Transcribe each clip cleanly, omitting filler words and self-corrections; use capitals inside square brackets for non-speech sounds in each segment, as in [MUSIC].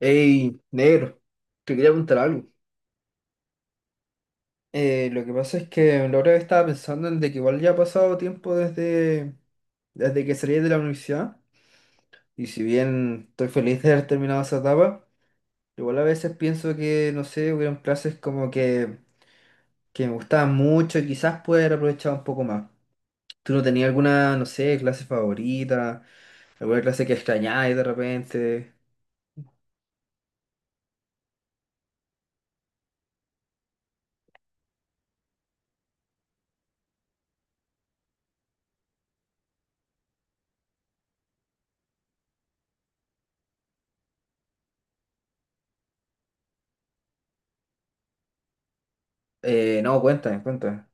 Ey, negro, te quería contar algo. Lo que pasa es que la otra vez estaba pensando en de que igual ya ha pasado tiempo desde que salí de la universidad. Y si bien estoy feliz de haber terminado esa etapa, igual a veces pienso que, no sé, hubieron clases como que me gustaban mucho y quizás pude haber aprovechado un poco más. ¿Tú no tenías alguna, no sé, clase favorita? ¿Alguna clase que extrañáis de repente? No, cuéntame.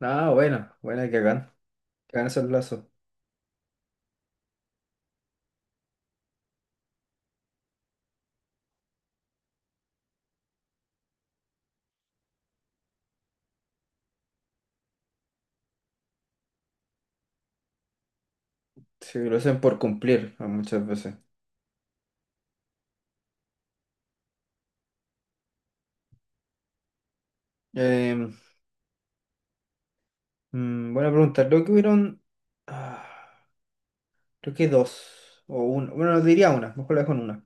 Ah, buena, que hagan esos lazos. Sí, lo hacen por cumplir ah, muchas veces. Em, Buena pregunta. Creo que ah, creo que dos o una. Bueno, diría una, mejor la dejo en una.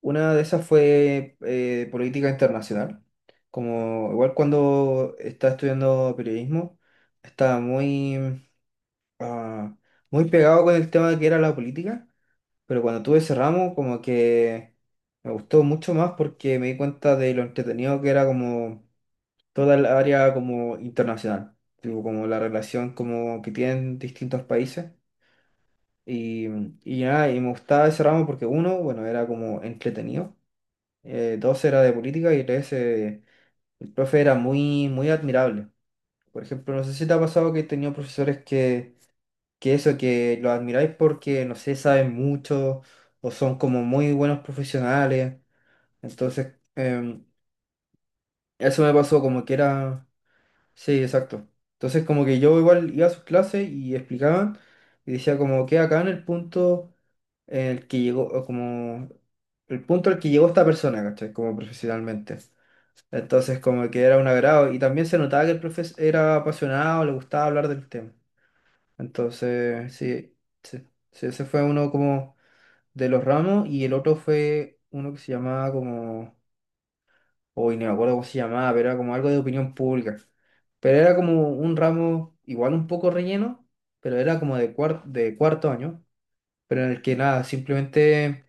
Una de esas fue política internacional. Como igual cuando estaba estudiando periodismo, estaba ah, muy pegado con el tema que era la política, pero cuando tuve ese ramo, como que me gustó mucho más porque me di cuenta de lo entretenido que era como toda el área como internacional, tipo como la relación como que tienen distintos países. Y, y nada, y me gustaba ese ramo porque uno, bueno, era como entretenido, dos era de política y el profe era muy admirable. Por ejemplo, no sé si te ha pasado que he tenido profesores que eso, que los admiráis porque, no sé, saben mucho o son como muy buenos profesionales. Entonces, eso me pasó como que era... Sí, exacto. Entonces como que yo igual iba a sus clases y explicaban y decía como que acá en el punto en el que llegó, o como el punto al que llegó esta persona, ¿cachai? Como profesionalmente. Entonces como que era un agrado y también se notaba que el profesor era apasionado, le gustaba hablar del tema. Entonces, sí, ese fue uno como de los ramos y el otro fue uno que se llamaba como... Uy, no me acuerdo cómo se llamaba, pero era como algo de opinión pública. Pero era como un ramo igual un poco relleno, pero era como cuar- de cuarto año, pero en el que nada, simplemente,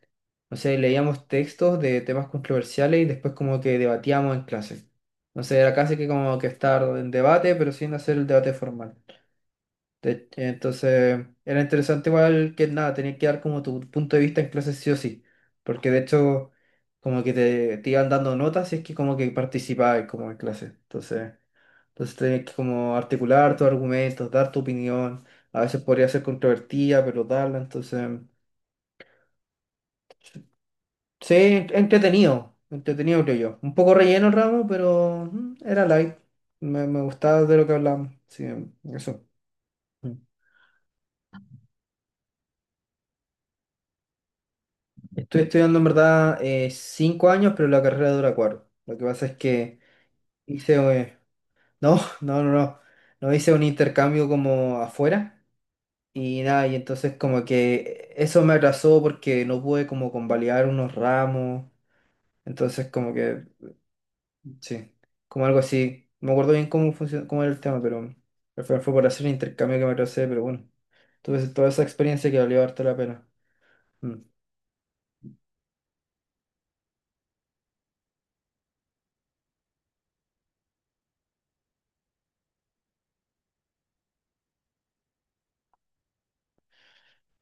no sé, leíamos textos de temas controversiales y después como que debatíamos en clase. Entonces era casi que como que estar en debate, pero sin hacer el debate formal. Entonces, era interesante igual que nada, tenías que dar como tu punto de vista en clase sí o sí, porque de hecho como que te iban dando notas y es que como que participabas como en clase. Entonces tenías que como articular tus argumentos, dar tu opinión, a veces podría ser controvertida, pero darla, entonces, sí, entretenido, entretenido creo yo. Un poco relleno el ramo, pero era light, me gustaba de lo que hablábamos, sí, eso. Estoy estudiando en verdad cinco años, pero la carrera dura cuatro. Lo que pasa es que hice... no, [LAUGHS] no, no, no. No hice un intercambio como afuera. Y nada, y entonces como que eso me atrasó porque no pude como convalidar unos ramos. Entonces como que, sí, como algo así. No me acuerdo bien cómo funcionó, cómo era el tema, pero al final fue por hacer un intercambio que me atrasé, pero bueno. Tuve toda esa experiencia que valió harto la pena. Mm.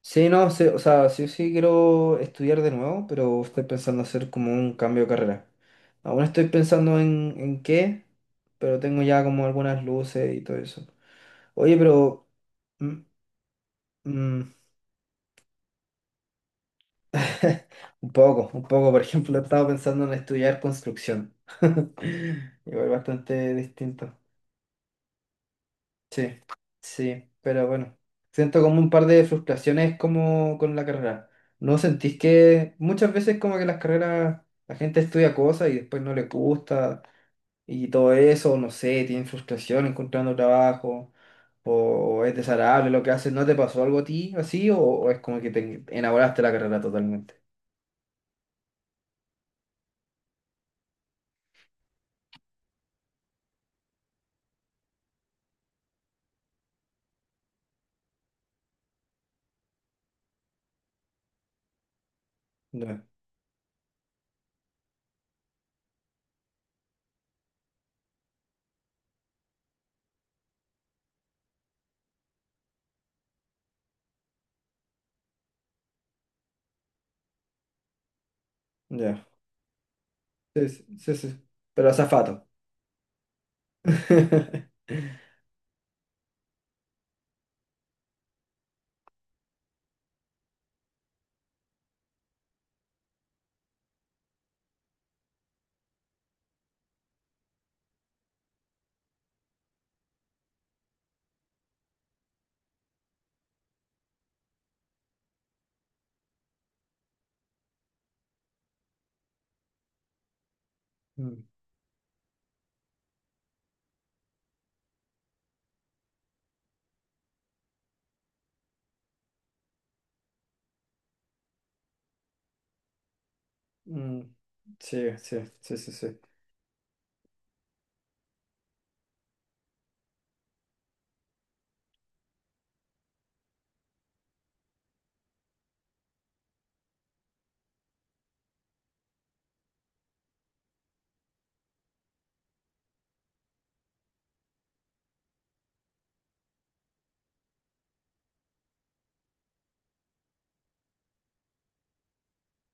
Sí, no, sí, o sea, sí quiero estudiar de nuevo, pero estoy pensando hacer como un cambio de carrera. Aún estoy pensando en qué, pero tengo ya como algunas luces y todo eso. Oye, pero... mm, mm, [LAUGHS] un poco, un poco. Por ejemplo, estaba pensando en estudiar construcción. [LAUGHS] Igual bastante distinto. Sí, sí, pero bueno, siento como un par de frustraciones como con la carrera. ¿No sentís que muchas veces como que las carreras, la gente estudia cosas y después no le gusta y todo eso, no sé, tienen frustración encontrando trabajo o es desagradable lo que haces? ¿No te pasó algo a ti así o es como que te enamoraste de la carrera totalmente? Ya, ya. Sí, sí, sí, sí. Pero azafato. [LAUGHS] Mm, mm. Sí, sí, sí, sí, sí.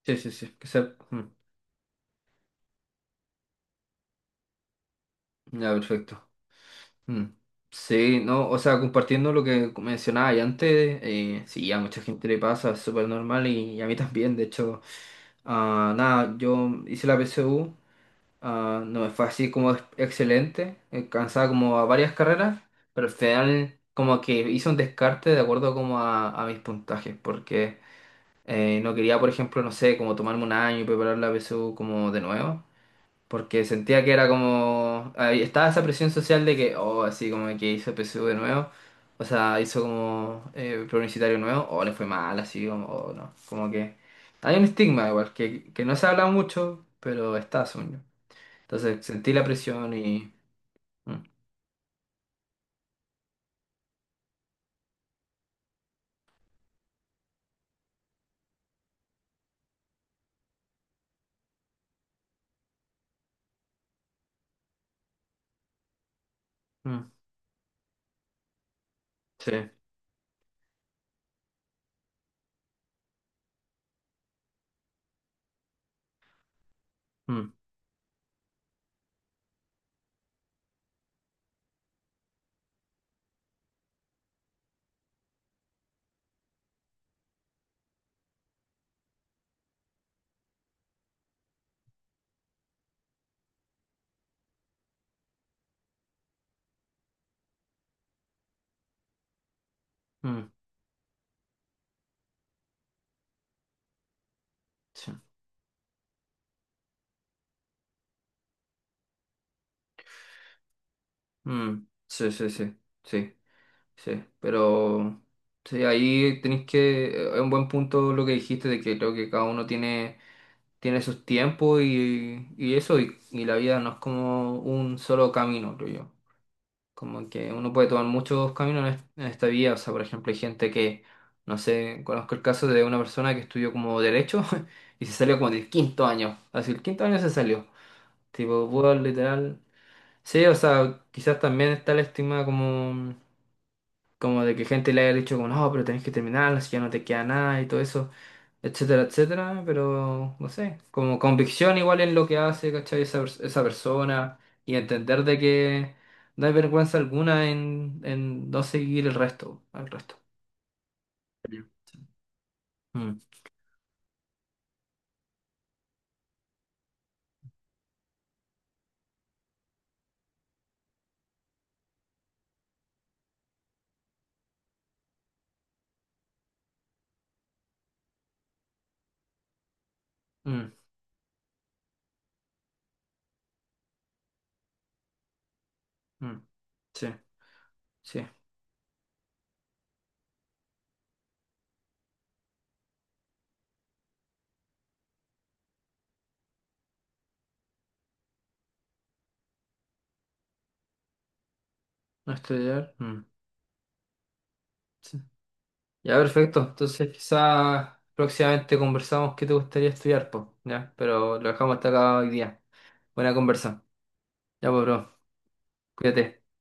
Sí, sí, sí, que sea... mm. Ya, perfecto. Mm. Sí, no, o sea, compartiendo lo que mencionaba ya antes, sí, a mucha gente le pasa, es súper normal y a mí también, de hecho, ah, nada, yo hice la PSU, ah, no me fue así como excelente, alcanzaba como a varias carreras, pero al final como que hice un descarte de acuerdo como a mis puntajes, porque no quería, por ejemplo, no sé, como tomarme un año y preparar la PSU como de nuevo. Porque sentía que era como... ahí estaba esa presión social de que, oh, así como que hizo PSU de nuevo. O sea, hizo como preuniversitario nuevo. O le fue mal, así como, o no. Como que hay un estigma igual, que no se habla mucho, pero está, según yo. Entonces sentí la presión y... mm, mm, sí, mm, mm, sí, mm, sí, sí, sí, sí, sí. Pero... Sí, ahí tenéis que... es un buen punto lo que dijiste de que creo que cada uno tiene tiene sus tiempos y eso, y la vida no es como un solo camino, creo yo. Como que uno puede tomar muchos caminos en esta vida, o sea, por ejemplo, hay gente que, no sé, conozco el caso de una persona que estudió como derecho [LAUGHS] y se salió como del quinto año, así el quinto año se salió, tipo, puedo literal. Sí, o sea, quizás también está la estigma como, como de que gente le haya dicho como, no, pero tenés que terminar, si ya no te queda nada y todo eso, etcétera, etcétera, pero no sé, como convicción igual en lo que hace, ¿cachai? Esa persona y entender de que no hay vergüenza alguna en no seguir al resto. Mm, mm, mm, sí, sí, no estudiar. Mm, sí. Ya, perfecto. Entonces quizá próximamente conversamos qué te gustaría estudiar, pues, ya, pero lo dejamos hasta acá hoy día. Buena conversa. Ya, pues, bro, cuídate.